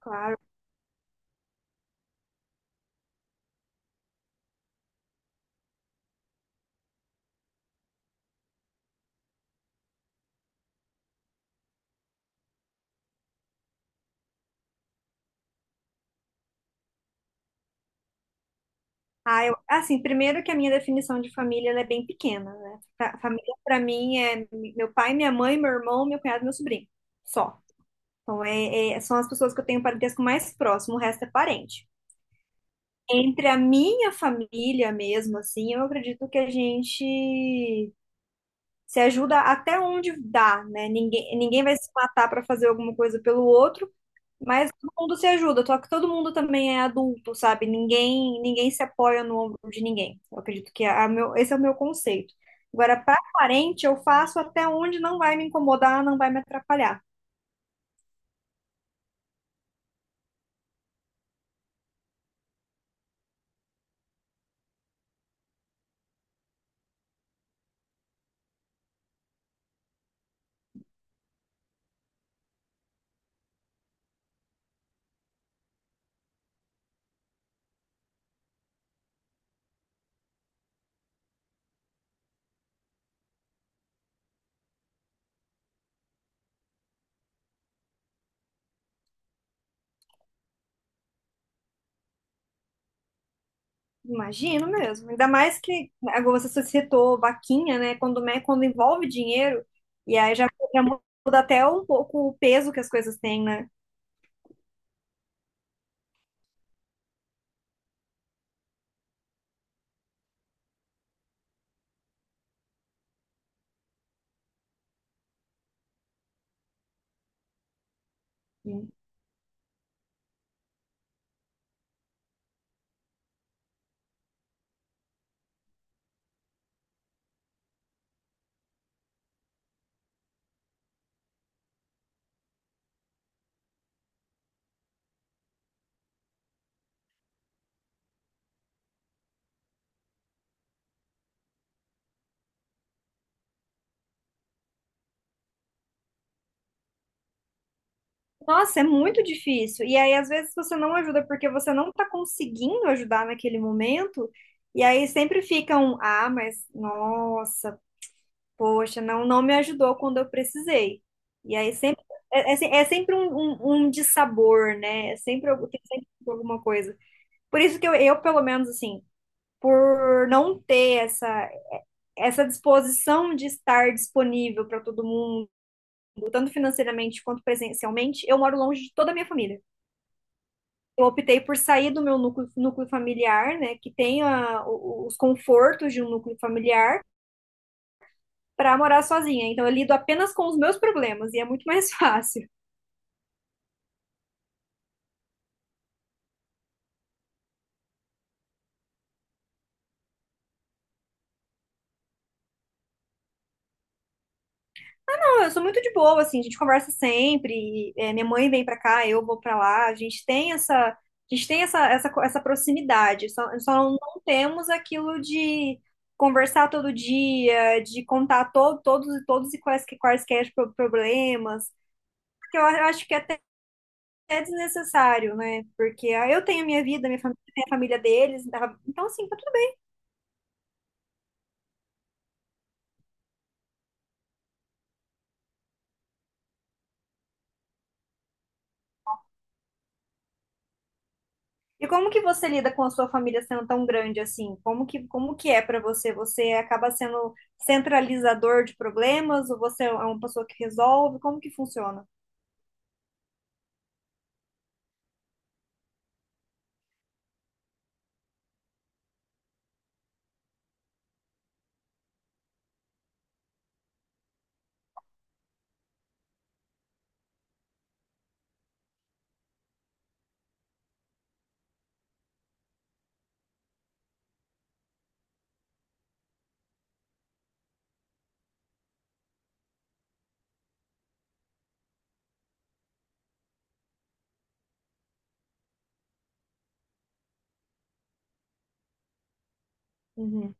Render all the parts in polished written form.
Claro. Ah, assim, primeiro que a minha definição de família ela é bem pequena, né? Família para mim é meu pai, minha mãe, meu irmão, meu cunhado, e meu sobrinho. Só. Então são as pessoas que eu tenho parentesco mais próximo, o resto é parente. Entre a minha família mesmo, assim, eu acredito que a gente se ajuda até onde dá, né? Ninguém vai se matar para fazer alguma coisa pelo outro. Mas todo mundo se ajuda, só que todo mundo também é adulto, sabe? Ninguém se apoia no ombro de ninguém. Eu acredito que esse é o meu conceito. Agora, para parente, eu faço até onde não vai me incomodar, não vai me atrapalhar. Imagino mesmo. Ainda mais que agora você citou vaquinha, né? Quando, quando envolve dinheiro, e aí já muda até um pouco o peso que as coisas têm, né? Nossa, é muito difícil. E aí, às vezes, você não ajuda porque você não tá conseguindo ajudar naquele momento. E aí sempre fica um, ah, mas nossa, poxa, não, não me ajudou quando eu precisei. E aí sempre é sempre um dissabor, né? É sempre, tem sempre alguma coisa. Por isso que pelo menos, assim, por não ter essa disposição de estar disponível para todo mundo, tanto financeiramente quanto presencialmente, eu moro longe de toda a minha família. Eu optei por sair do meu núcleo familiar, né, que tem os confortos de um núcleo familiar, para morar sozinha. Então eu lido apenas com os meus problemas e é muito mais fácil. Não, eu sou muito de boa, assim, a gente conversa sempre, é, minha mãe vem para cá, eu vou para lá, a gente tem essa proximidade, só não temos aquilo de conversar todo dia, de contar to, todos e todos e quaisquer problemas. Porque eu acho que é desnecessário, né? Porque ah, eu tenho a minha vida, minha família tem a família deles, tá? Então assim, tá tudo bem. E como que você lida com a sua família sendo tão grande assim? Como que é pra você? Você acaba sendo centralizador de problemas ou você é uma pessoa que resolve? Como que funciona? Uhum,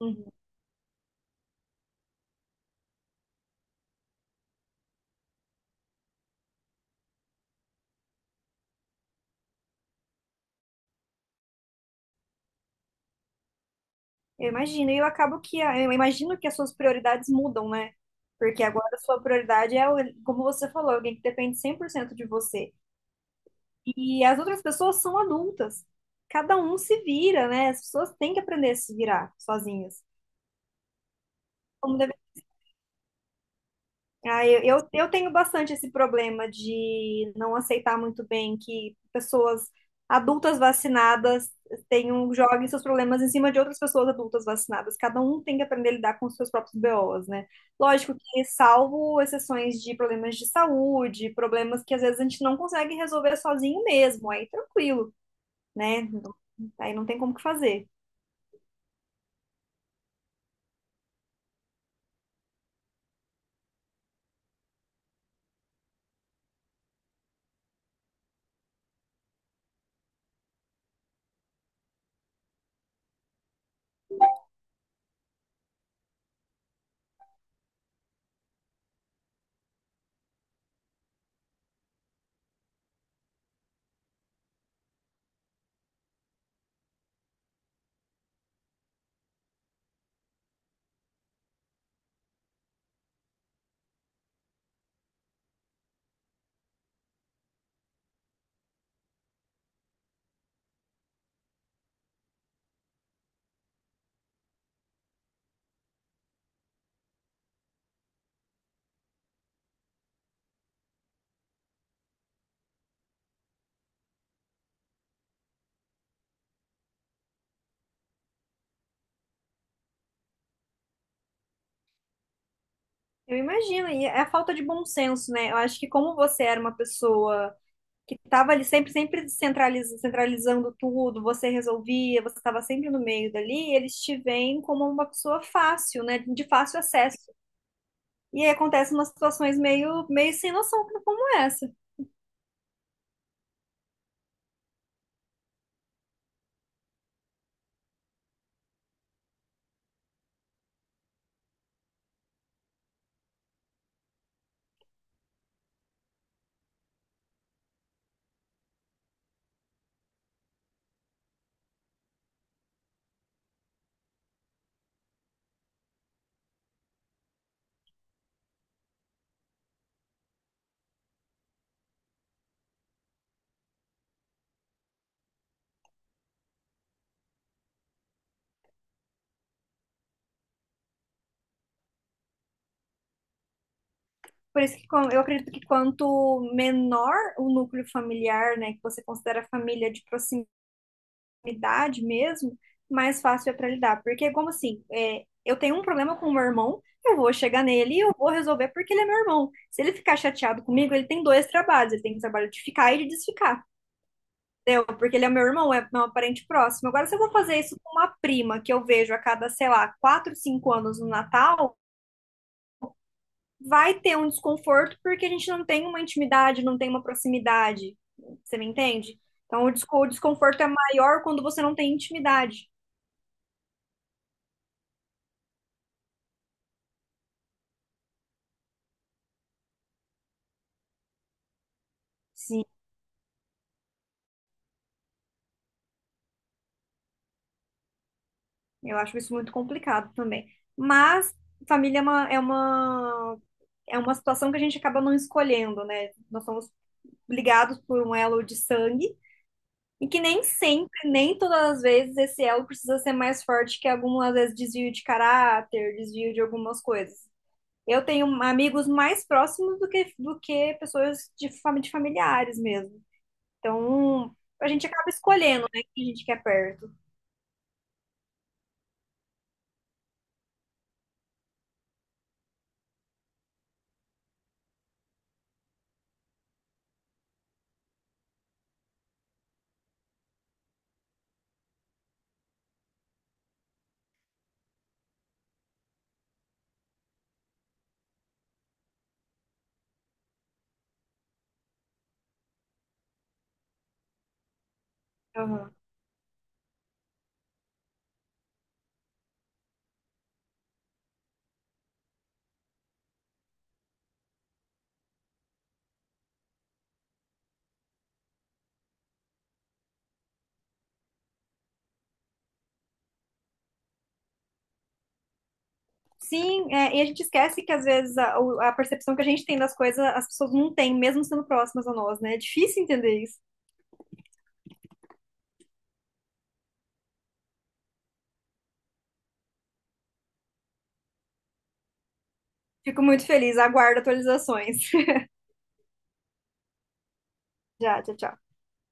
uhum. Eu imagino, e eu acabo que eu imagino que as suas prioridades mudam, né? Porque agora a sua prioridade é, como você falou, alguém que depende 100% de você. E as outras pessoas são adultas. Cada um se vira, né? As pessoas têm que aprender a se virar sozinhas. Como deve... ah, eu tenho bastante esse problema de não aceitar muito bem que pessoas adultas vacinadas tenham, joguem seus problemas em cima de outras pessoas adultas vacinadas. Cada um tem que aprender a lidar com os seus próprios BOs, né? Lógico que, salvo exceções de problemas de saúde, problemas que às vezes a gente não consegue resolver sozinho mesmo, aí tranquilo. Né? Aí não tem como que fazer. Eu imagino, e é a falta de bom senso, né? Eu acho que como você era uma pessoa que estava ali sempre, sempre centralizando tudo, você resolvia, você estava sempre no meio dali, eles te veem como uma pessoa fácil, né? De fácil acesso. E aí acontecem umas situações meio, meio sem noção como é essa. Por isso que eu acredito que quanto menor o núcleo familiar, né, que você considera família de proximidade, proximidade mesmo, mais fácil é para lidar. Porque, como assim, é, eu tenho um problema com o meu irmão, eu vou chegar nele e eu vou resolver porque ele é meu irmão. Se ele ficar chateado comigo, ele tem dois trabalhos. Ele tem o trabalho de ficar e de desficar. Entendeu? Porque ele é meu irmão, é meu parente próximo. Agora, se eu vou fazer isso com uma prima que eu vejo a cada, sei lá, 4, 5 anos no Natal, vai ter um desconforto porque a gente não tem uma intimidade, não tem uma proximidade. Você me entende? Então, o desconforto é maior quando você não tem intimidade. Sim. Eu acho isso muito complicado também. Mas família é uma situação que a gente acaba não escolhendo, né? Nós somos ligados por um elo de sangue e que nem sempre, nem todas as vezes, esse elo precisa ser mais forte que algumas vezes desvio de caráter, desvio de algumas coisas. Eu tenho amigos mais próximos do que pessoas de familiares mesmo. Então, a gente acaba escolhendo, né, quem a gente quer perto. Aham. Sim, é, e a gente esquece que às vezes a percepção que a gente tem das coisas, as pessoas não têm, mesmo sendo próximas a nós, né? É difícil entender isso. Fico muito feliz, aguardo atualizações. Já, tchau, tchau.